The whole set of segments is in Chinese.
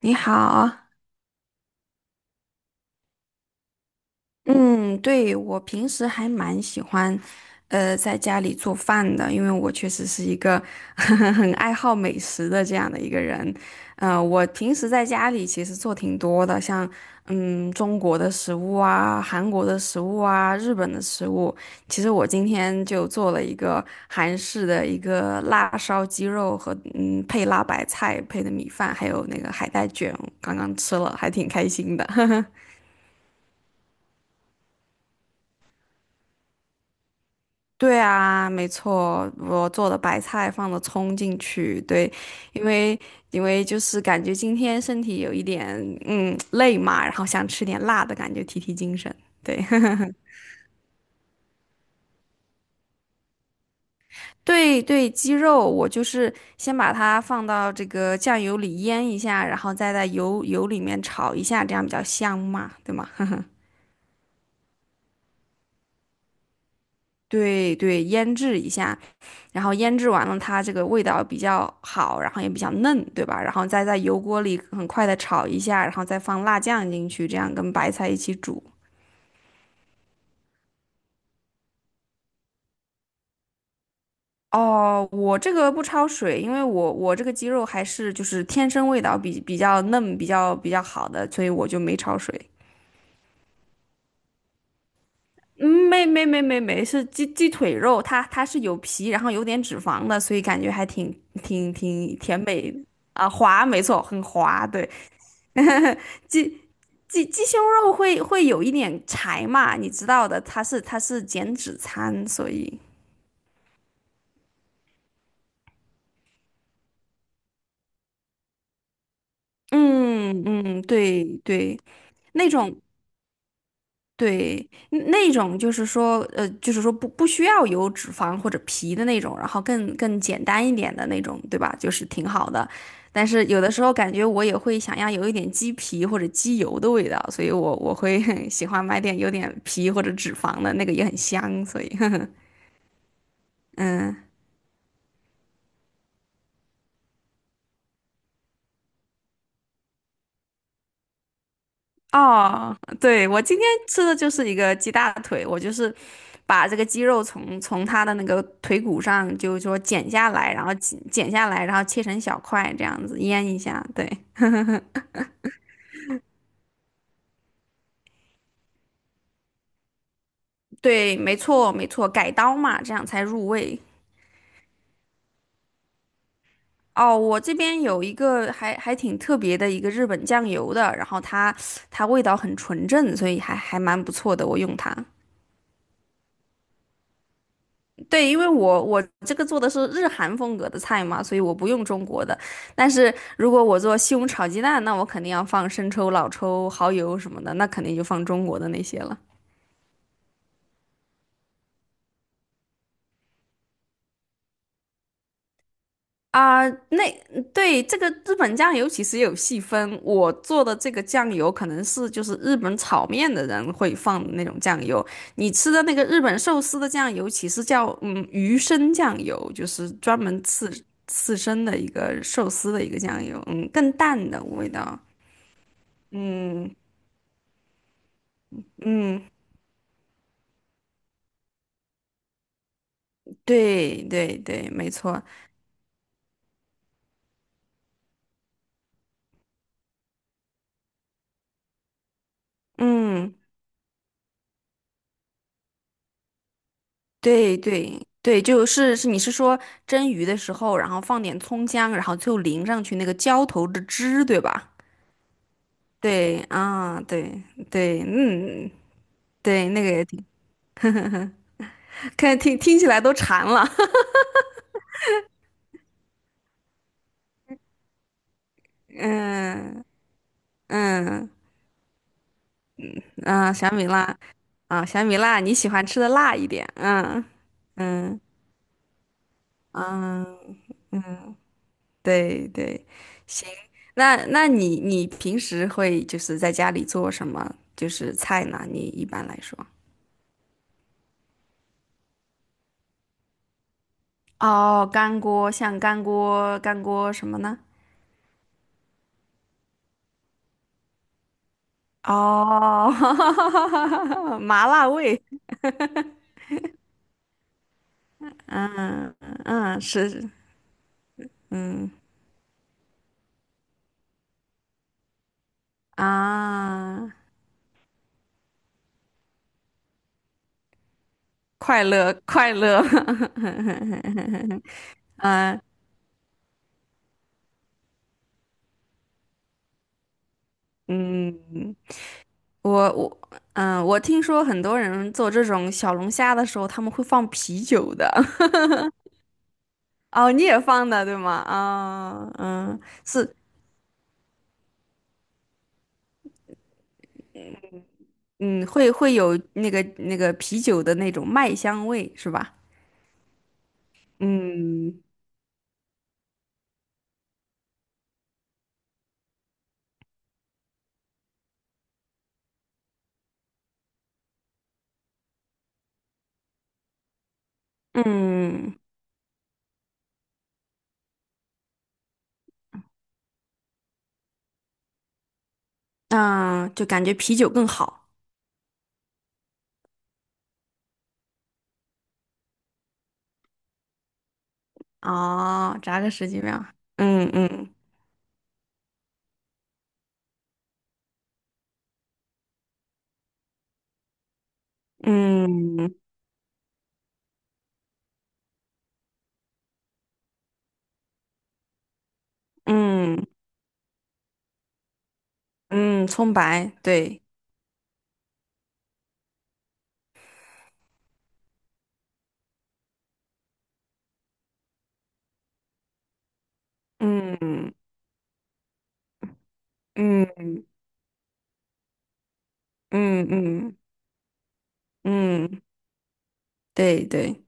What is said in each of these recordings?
你好。嗯，对，我平时还蛮喜欢，在家里做饭的，因为我确实是一个 很爱好美食的这样的一个人。我平时在家里其实做挺多的，像中国的食物啊、韩国的食物啊、日本的食物。其实我今天就做了一个韩式的一个辣烧鸡肉和配辣白菜配的米饭，还有那个海带卷，刚刚吃了，还挺开心的。对啊，没错，我做的白菜放了葱进去，对，因为因为就是感觉今天身体有一点累嘛，然后想吃点辣的感觉提提精神，对。对对，鸡肉我就是先把它放到这个酱油里腌一下，然后再在油里面炒一下，这样比较香嘛，对吗？对对，腌制一下，然后腌制完了，它这个味道比较好，然后也比较嫩，对吧？然后再在油锅里很快的炒一下，然后再放辣酱进去，这样跟白菜一起煮。哦，我这个不焯水，因为我这个鸡肉还是就是天生味道比较嫩，比较好的，所以我就没焯水。嗯，没，是鸡腿肉，它是有皮，然后有点脂肪的，所以感觉还挺挺挺甜美。啊，滑，没错，很滑，对。鸡鸡胸肉会有一点柴嘛，你知道的，它是减脂餐，所以，嗯嗯，对对。那种对那种就是说，就是说不需要有脂肪或者皮的那种，然后更简单一点的那种，对吧？就是挺好的。但是有的时候感觉我也会想要有一点鸡皮或者鸡油的味道，所以我会 喜欢买点有点皮或者脂肪的那个也很香，所以 嗯。哦，对，我今天吃的就是一个鸡大腿，我就是把这个鸡肉从它的那个腿骨上，就是说剪下来，然后剪下来，然后切成小块，这样子腌一下。对，对，没错，没错，改刀嘛，这样才入味。哦，我这边有一个还还挺特别的一个日本酱油的，然后它味道很纯正，所以还还蛮不错的，我用它。对，因为我这个做的是日韩风格的菜嘛，所以我不用中国的。但是如果我做西红柿炒鸡蛋，那我肯定要放生抽、老抽、蚝油什么的，那肯定就放中国的那些了。啊，那对，这个日本酱油其实也有细分，我做的这个酱油可能是就是日本炒面的人会放的那种酱油，你吃的那个日本寿司的酱油其实叫鱼生酱油，就是专门刺身的一个寿司的一个酱油，嗯，更淡的味道，嗯嗯，对对对，没错，嗯。对对对，就是是你是说蒸鱼的时候，然后放点葱姜，然后最后淋上去那个浇头的汁，对吧？对啊，对对，嗯，对，那个也挺，看听听起来都馋了。嗯嗯嗯，小米辣。啊，小米辣，你喜欢吃的辣一点。嗯嗯嗯嗯，对对，行。那那你你平时会就是在家里做什么就是菜呢？你一般来说？哦，干锅，像干锅，干锅什么呢？哦，麻辣味，嗯嗯，是，是嗯。啊，快乐快乐，嗯嗯，我嗯，我听说很多人做这种小龙虾的时候，他们会放啤酒的。哦，你也放的对吗？是，嗯，会会有那个啤酒的那种麦香味，是吧？嗯，嗯，那就感觉啤酒更好。哦，炸个十几秒。嗯嗯嗯嗯嗯，葱白，对，嗯嗯嗯嗯嗯，对对，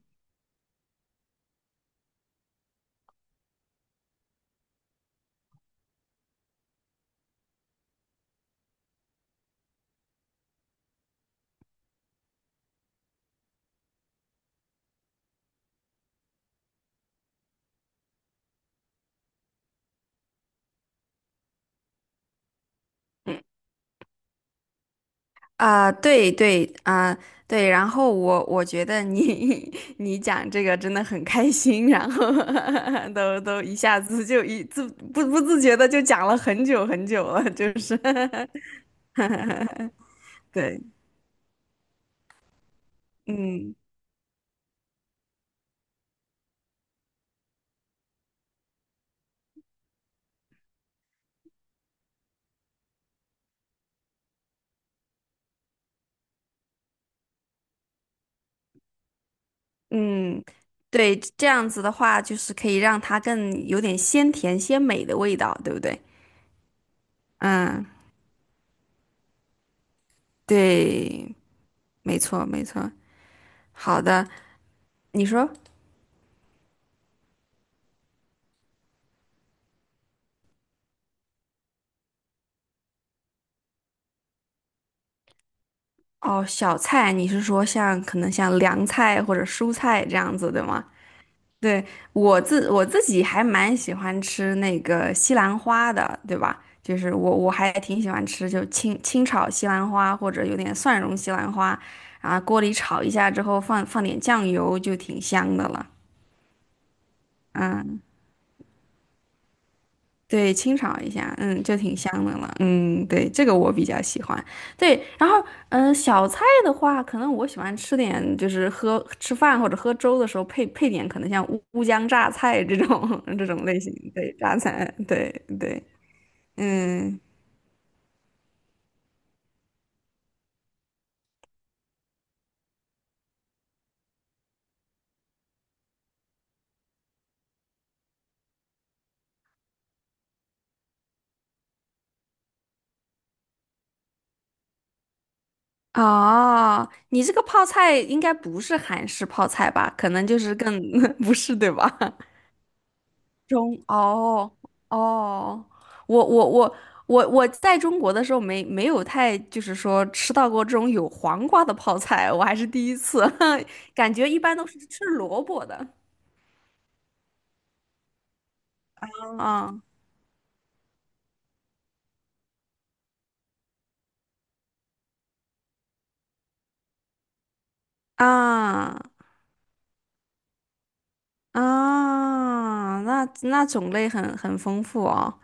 嗯。啊，对对啊，对。然后我我觉得你 你讲这个真的很开心，然后 都一下子就一自不自觉的就讲了很久很久了，就是 对，嗯。嗯，对，这样子的话，就是可以让它更有点鲜甜鲜美的味道，对不对？嗯，对，没错，没错。好的，你说，哦，小菜，你是说像可能像凉菜或者蔬菜这样子，对吗？对，我自己还蛮喜欢吃那个西兰花的，对吧？就是我还挺喜欢吃，就清炒西兰花或者有点蒜蓉西兰花，啊，锅里炒一下之后放放点酱油就挺香的了。嗯，对，清炒一下，嗯，就挺香的了，嗯，对，这个我比较喜欢。对，然后，小菜的话，可能我喜欢吃点，就是喝吃饭或者喝粥的时候配配点，可能像乌江榨菜这种 这种类型，对，榨菜，对对，嗯。哦，你这个泡菜应该不是韩式泡菜吧？可能就是更 不是，对吧？中哦，哦，我我我我在中国的时候没有太就是说吃到过这种有黄瓜的泡菜，我还是第一次，感觉一般都是吃萝卜的。啊啊啊！那那种类很很丰富哦。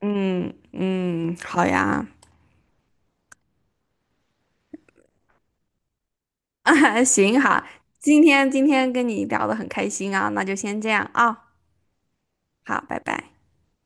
嗯嗯，好呀，啊行哈，今天今天跟你聊得很开心啊，那就先这样啊，好，拜拜。